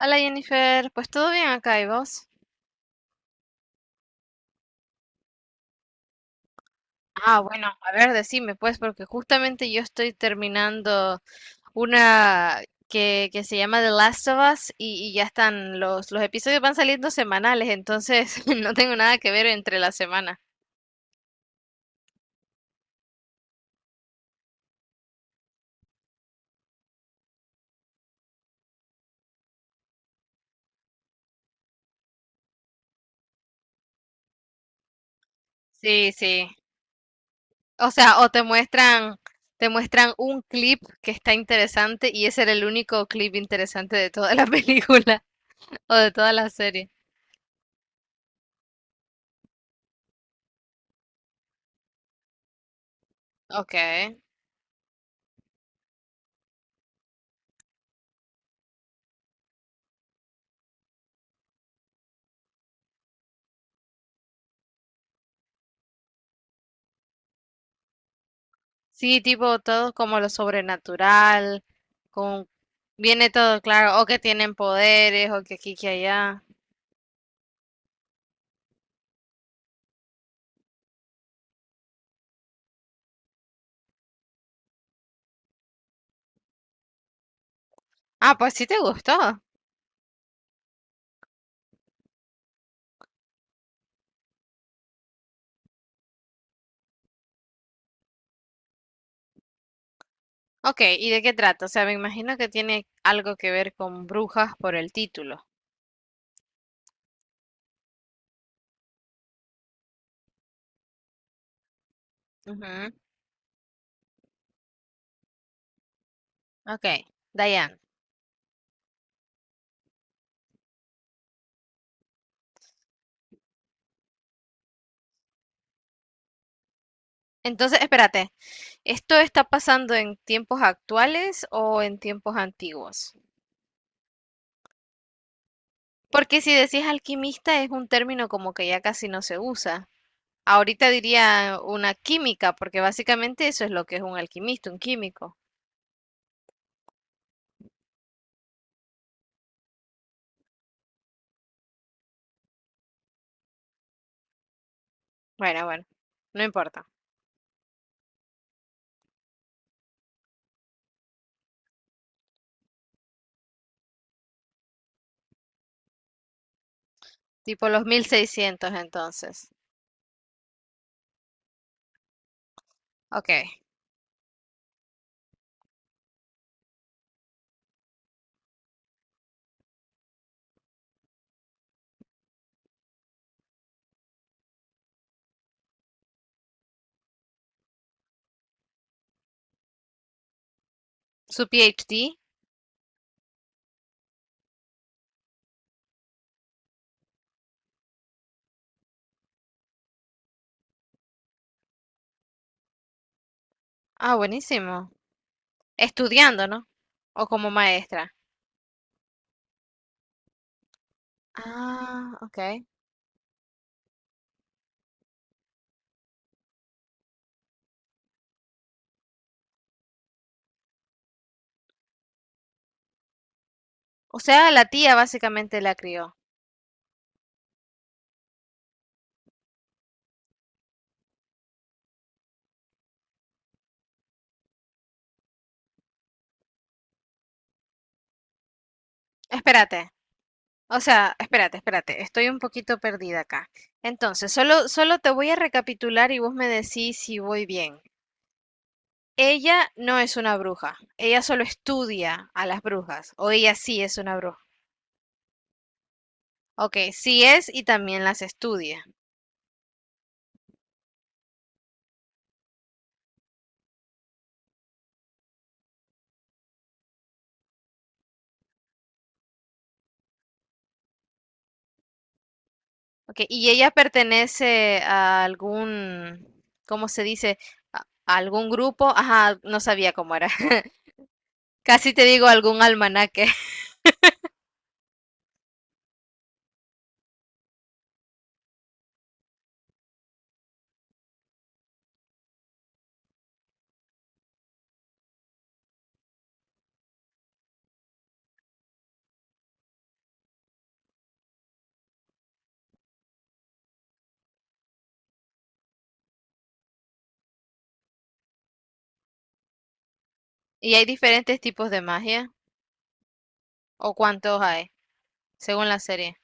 Hola Jennifer, pues todo bien acá y vos. Ah, bueno, a ver, decime pues, porque justamente yo estoy terminando una que se llama The Last of Us y ya están, los episodios van saliendo semanales, entonces no tengo nada que ver entre la semana. Sí, sí. O sea, te muestran un clip que está interesante y ese era el único clip interesante de toda la película o de toda la serie. Ok. Sí, tipo todo como lo sobrenatural, con viene todo claro, o que tienen poderes, o que aquí, que allá. Ah, pues sí te gustó. Ok, ¿y de qué trata? O sea, me imagino que tiene algo que ver con brujas por el título. Ujú. Ok, Diane. Entonces, espérate, ¿esto está pasando en tiempos actuales o en tiempos antiguos? Porque si decís alquimista es un término como que ya casi no se usa. Ahorita diría una química, porque básicamente eso es lo que es un alquimista, un químico. Bueno, no importa. Tipo los 1600 entonces. Ok, su PhD. Ah, buenísimo. Estudiando, ¿no? O como maestra. Ah, ok. O sea, la tía básicamente la crió. Espérate. O sea, espérate. Estoy un poquito perdida acá. Entonces, solo te voy a recapitular y vos me decís si voy bien. Ella no es una bruja. Ella solo estudia a las brujas. O ella sí es una bruja. Ok, sí es y también las estudia. Ok, y ella pertenece a algún, ¿cómo se dice? A a algún grupo. Ajá, no sabía cómo era. Casi te digo algún almanaque. Y hay diferentes tipos de magia. ¿O cuántos hay? Según la serie.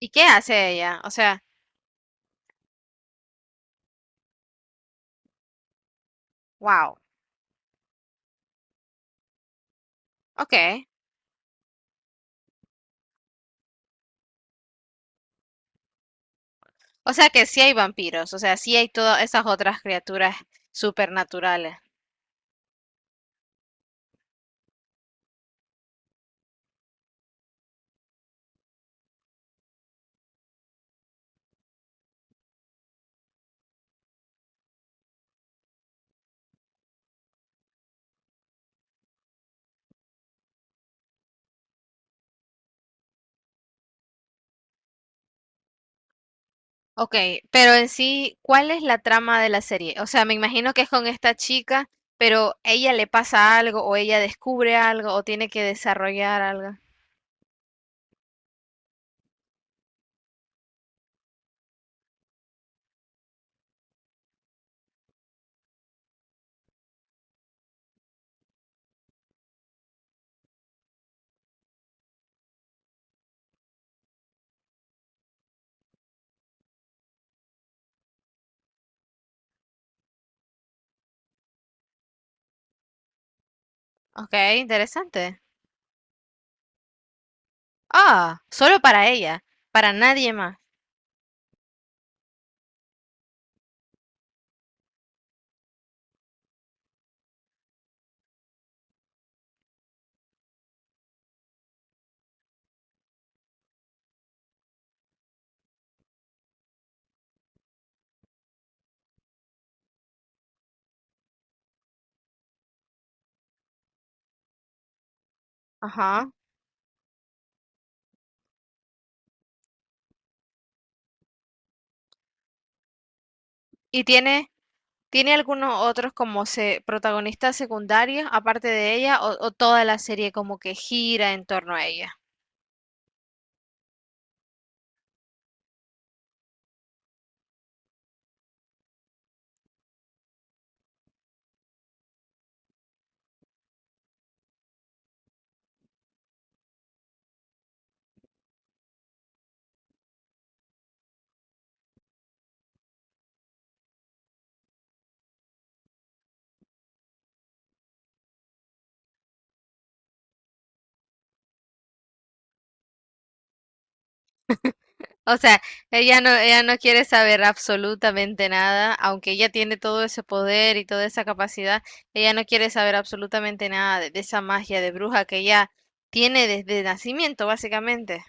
¿Y qué hace ella? O sea, wow. Ok. O sea que sí hay vampiros. O sea, sí hay todas esas otras criaturas supernaturales. Okey, pero en sí, ¿cuál es la trama de la serie? O sea, me imagino que es con esta chica, pero ¿ella le pasa algo o ella descubre algo o tiene que desarrollar algo? Okey, interesante. Ah, solo para ella, para nadie más. Ajá. ¿Y tiene tiene algunos otros como se protagonistas secundarios aparte de ella o toda la serie como que gira en torno a ella? O sea, ella no quiere saber absolutamente nada, aunque ella tiene todo ese poder y toda esa capacidad, ella no quiere saber absolutamente nada de, de esa magia de bruja que ella tiene desde nacimiento, básicamente.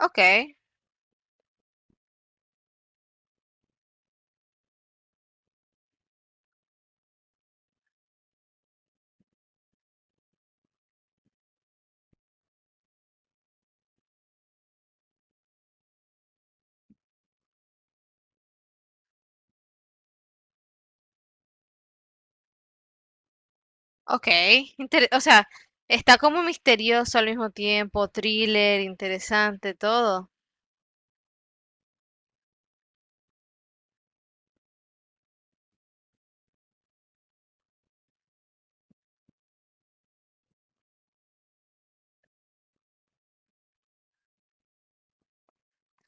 Ok, ok. Inter- o sea, está como misterioso al mismo tiempo, thriller, interesante, todo.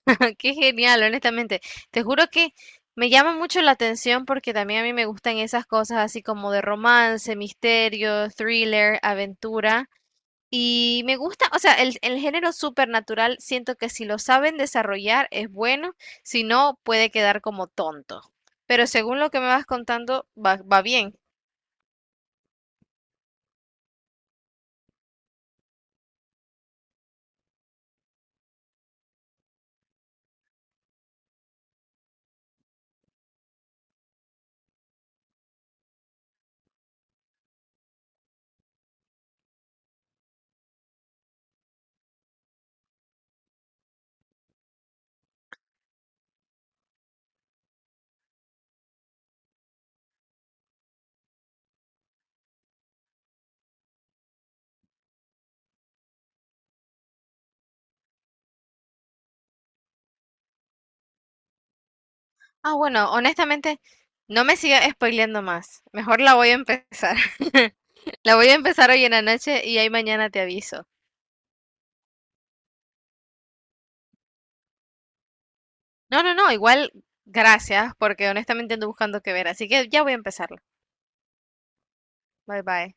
Qué genial, honestamente. Te juro que me llama mucho la atención porque también a mí me gustan esas cosas así como de romance, misterio, thriller, aventura. Y me gusta, o sea, el género supernatural siento que si lo saben desarrollar es bueno, si no puede quedar como tonto. Pero según lo que me vas contando, va bien. Ah, bueno, honestamente, no me sigas spoileando más. Mejor la voy a empezar. La voy a empezar hoy en la noche y ahí mañana te aviso. No, no, no, igual gracias, porque honestamente ando buscando qué ver, así que ya voy a empezarlo. Bye bye.